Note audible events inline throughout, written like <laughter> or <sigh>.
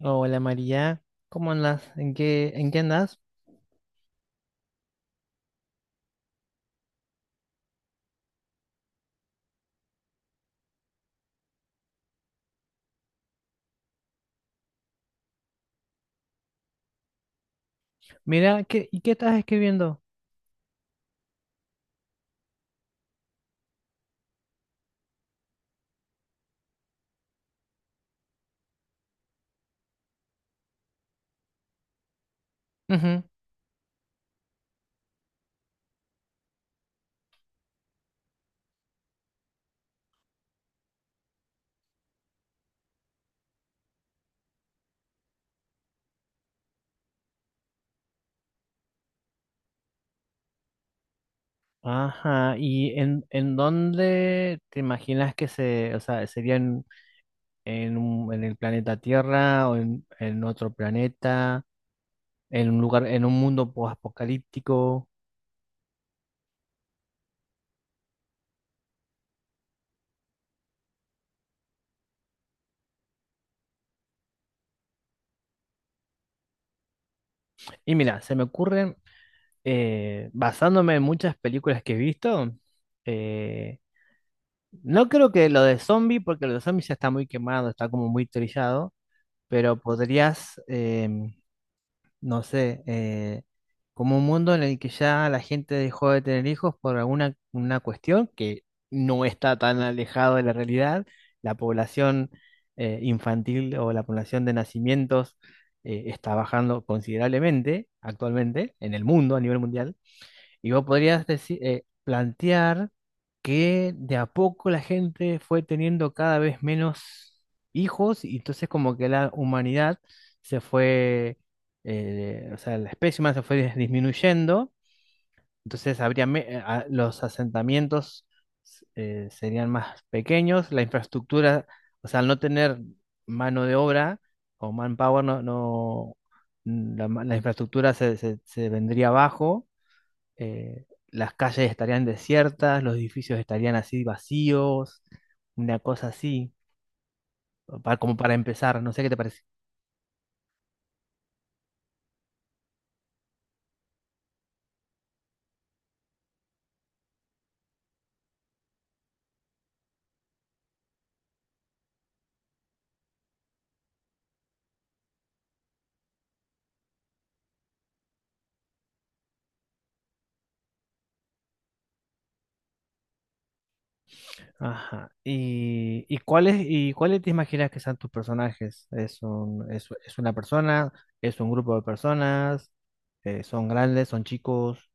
Hola María, ¿cómo andas? ¿En qué andas? Mira, ¿y qué estás escribiendo? Ujú. Ajá, ¿y en dónde te imaginas que se, o sea, sería en el planeta Tierra o en otro planeta, en un lugar, en un mundo apocalíptico? Y mira, se me ocurren, basándome en muchas películas que he visto, eh, no creo que lo de zombie, porque lo de zombie ya está muy quemado, está como muy trillado. Pero podrías, no sé, como un mundo en el que ya la gente dejó de tener hijos por alguna una cuestión que no está tan alejado de la realidad, la población infantil o la población de nacimientos está bajando considerablemente actualmente en el mundo a nivel mundial. Y vos podrías decir, plantear que de a poco la gente fue teniendo cada vez menos hijos y entonces como que la humanidad se fue, o sea, la especie humana se fue disminuyendo, entonces habría los asentamientos serían más pequeños, la infraestructura, o sea, al no tener mano de obra o manpower, no, no, la infraestructura se vendría abajo, las calles estarían desiertas, los edificios estarían así vacíos, una cosa así, como para empezar, no sé qué te parece. Ajá. ¿Y, y cuáles te imaginas que sean tus personajes? ¿Es un, es una persona? ¿Es un grupo de personas? ¿Son grandes? ¿Son chicos?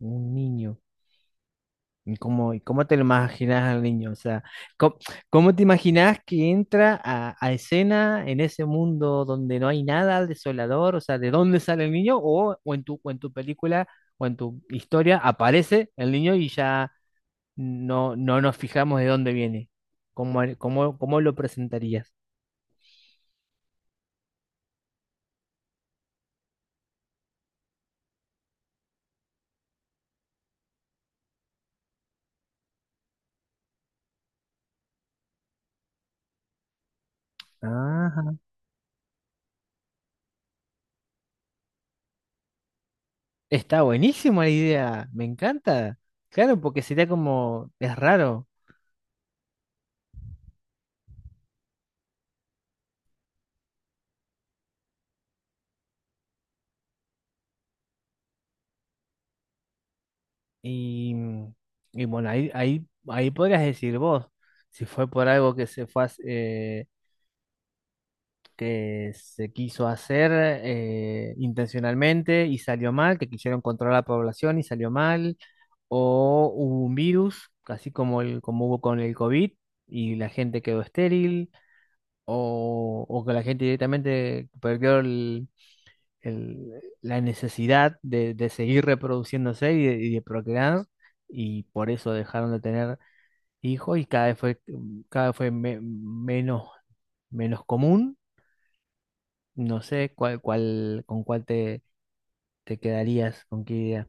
¿Un niño? ¿Y cómo te lo imaginas al niño? O sea, ¿cómo, cómo te imaginas que entra a escena en ese mundo donde no hay nada desolador? O sea, ¿de dónde sale el niño? O en tu película o en tu historia aparece el niño y ya no, no nos fijamos de dónde viene. ¿Cómo, cómo, cómo lo presentarías? Ajá. Está buenísima la idea, me encanta. Claro, porque sería como, es raro. Y, mm, y bueno, ahí podrías decir vos, si fue por algo que se fue, que se quiso hacer intencionalmente y salió mal, que quisieron controlar la población y salió mal, o hubo un virus, así como, el, como hubo con el COVID y la gente quedó estéril, o que la gente directamente perdió la necesidad de seguir reproduciéndose y de procrear y por eso dejaron de tener hijos y cada vez fue menos, menos común. No sé con cuál te, te quedarías, con qué idea.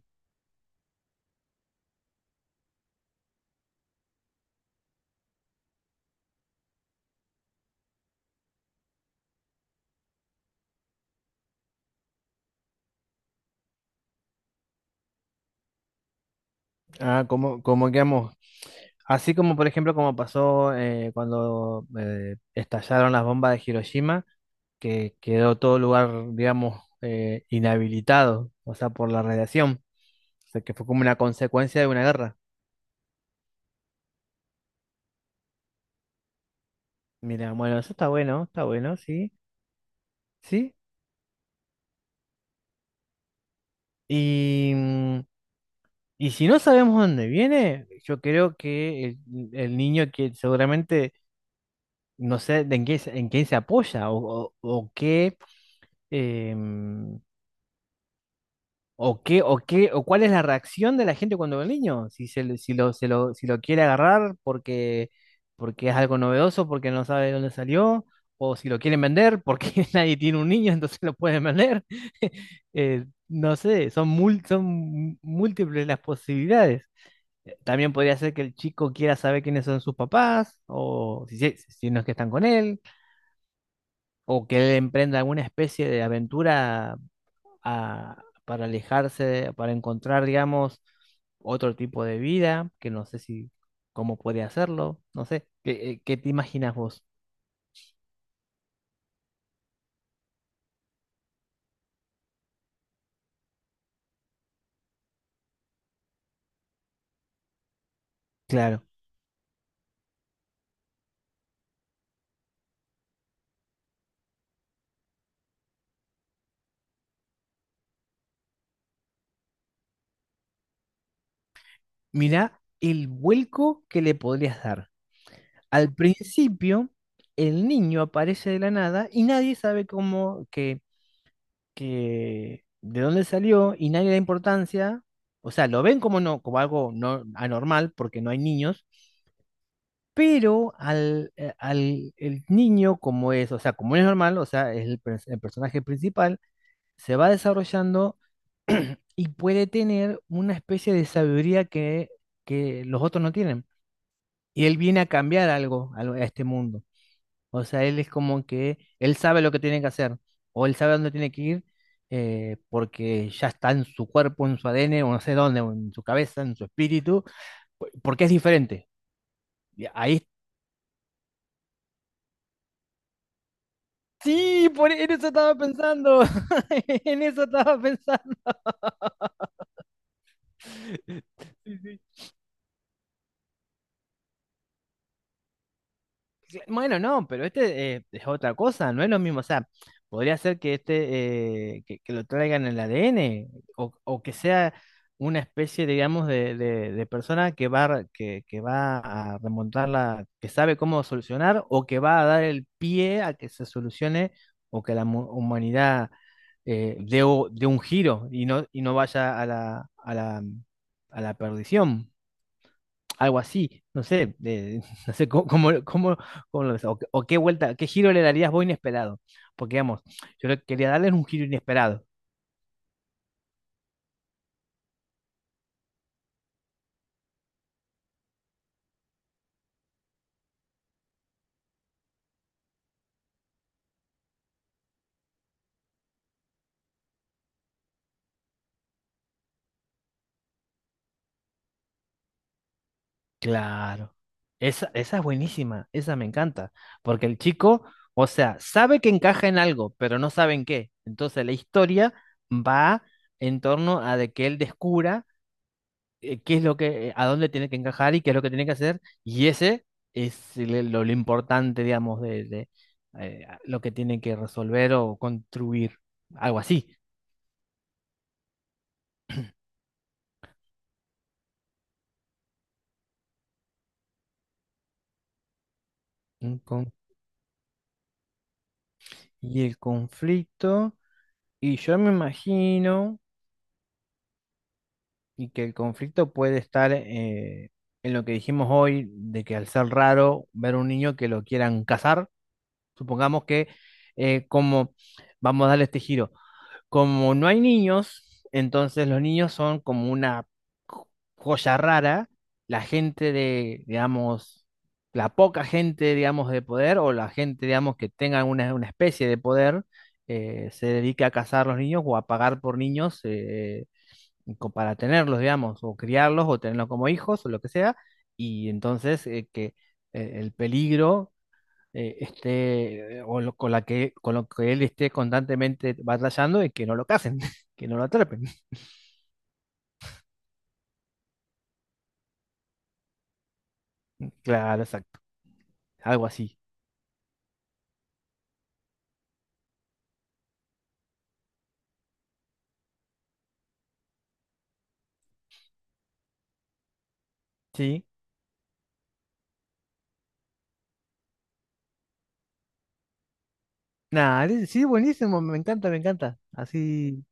Ah, como como quedamos? Así como, por ejemplo, como pasó cuando estallaron las bombas de Hiroshima, que quedó todo lugar, digamos, inhabilitado, o sea, por la radiación. O sea, que fue como una consecuencia de una guerra. Mira, bueno, eso está bueno, sí, sí. Y, mm, y si no sabemos dónde viene, yo creo que el niño que seguramente no sé de en qué, en quién se apoya o qué, em, o qué, o cuál es la reacción de la gente cuando ve al niño, si se, le- si lo, se lo, si lo quiere agarrar porque, porque es algo novedoso, porque no sabe de dónde salió, o si lo quieren vender porque <laughs> nadie tiene un niño, entonces lo pueden vender. <laughs> No sé, son múltiples las posibilidades. También podría ser que el chico quiera saber quiénes son sus papás, o si no es que están con él, o que él emprenda alguna especie de aventura para alejarse, para encontrar, digamos, otro tipo de vida, que no sé si cómo puede hacerlo, no sé, ¿qué, qué te imaginas vos? Claro, mirá el vuelco que le podrías dar. Al principio, el niño aparece de la nada y nadie sabe cómo que de dónde salió y nadie le da importancia, o sea, lo ven como no, como algo no anormal porque no hay niños, pero al el niño como es, o sea, como es normal, o sea, es el personaje principal, se va desarrollando <clears throat> y puede tener una especie de sabiduría que los otros no tienen. Y él viene a cambiar algo a este mundo. O sea, él es como que él sabe lo que tiene que hacer o él sabe dónde tiene que ir, porque ya está en su cuerpo, en su ADN o no sé dónde, o en su cabeza, en su espíritu, porque es diferente. Y ahí sí, por en eso estaba pensando. <laughs> En eso estaba pensando. <laughs> Sí, sí. Bueno, no, pero este es otra cosa, no es lo mismo. O sea, podría ser que este que lo traigan en el ADN o que sea una especie, digamos, de persona que que va a remontarla, que sabe cómo solucionar o que va a dar el pie a que se solucione o que la humanidad dé un giro y no vaya a a la perdición, algo así, no sé, <laughs> no sé cómo lo ves, o qué vuelta, qué giro le darías vos inesperado, porque digamos, yo le quería darles un giro inesperado. Claro, esa es buenísima, esa me encanta, porque el chico, o sea, sabe que encaja en algo, pero no sabe en qué. Entonces la historia va en torno a de que él descubra, qué es lo que, a dónde tiene que encajar y qué es lo que tiene que hacer. Y ese es lo importante, digamos, de, lo que tiene que resolver o construir, algo así. Un con- y el conflicto, y yo me imagino, y que el conflicto puede estar en lo que dijimos hoy, de que al ser raro ver un niño que lo quieran casar, supongamos que eh, como, vamos a darle este giro. Como no hay niños, entonces los niños son como una jo- joya rara. La gente de, digamos, la poca gente, digamos, de poder o la gente, digamos, que tenga una especie de poder, se dedica a cazar los niños o a pagar por niños, para tenerlos, digamos, o criarlos o tenerlos como hijos o lo que sea. Y entonces que el peligro esté, o con lo que él esté constantemente batallando y que no lo casen, <laughs> que no lo atrapen. <laughs> Claro, exacto. Algo así. Sí. Nada, sí, buenísimo, me encanta, me encanta. Así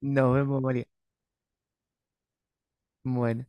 nos vemos, María. Bueno.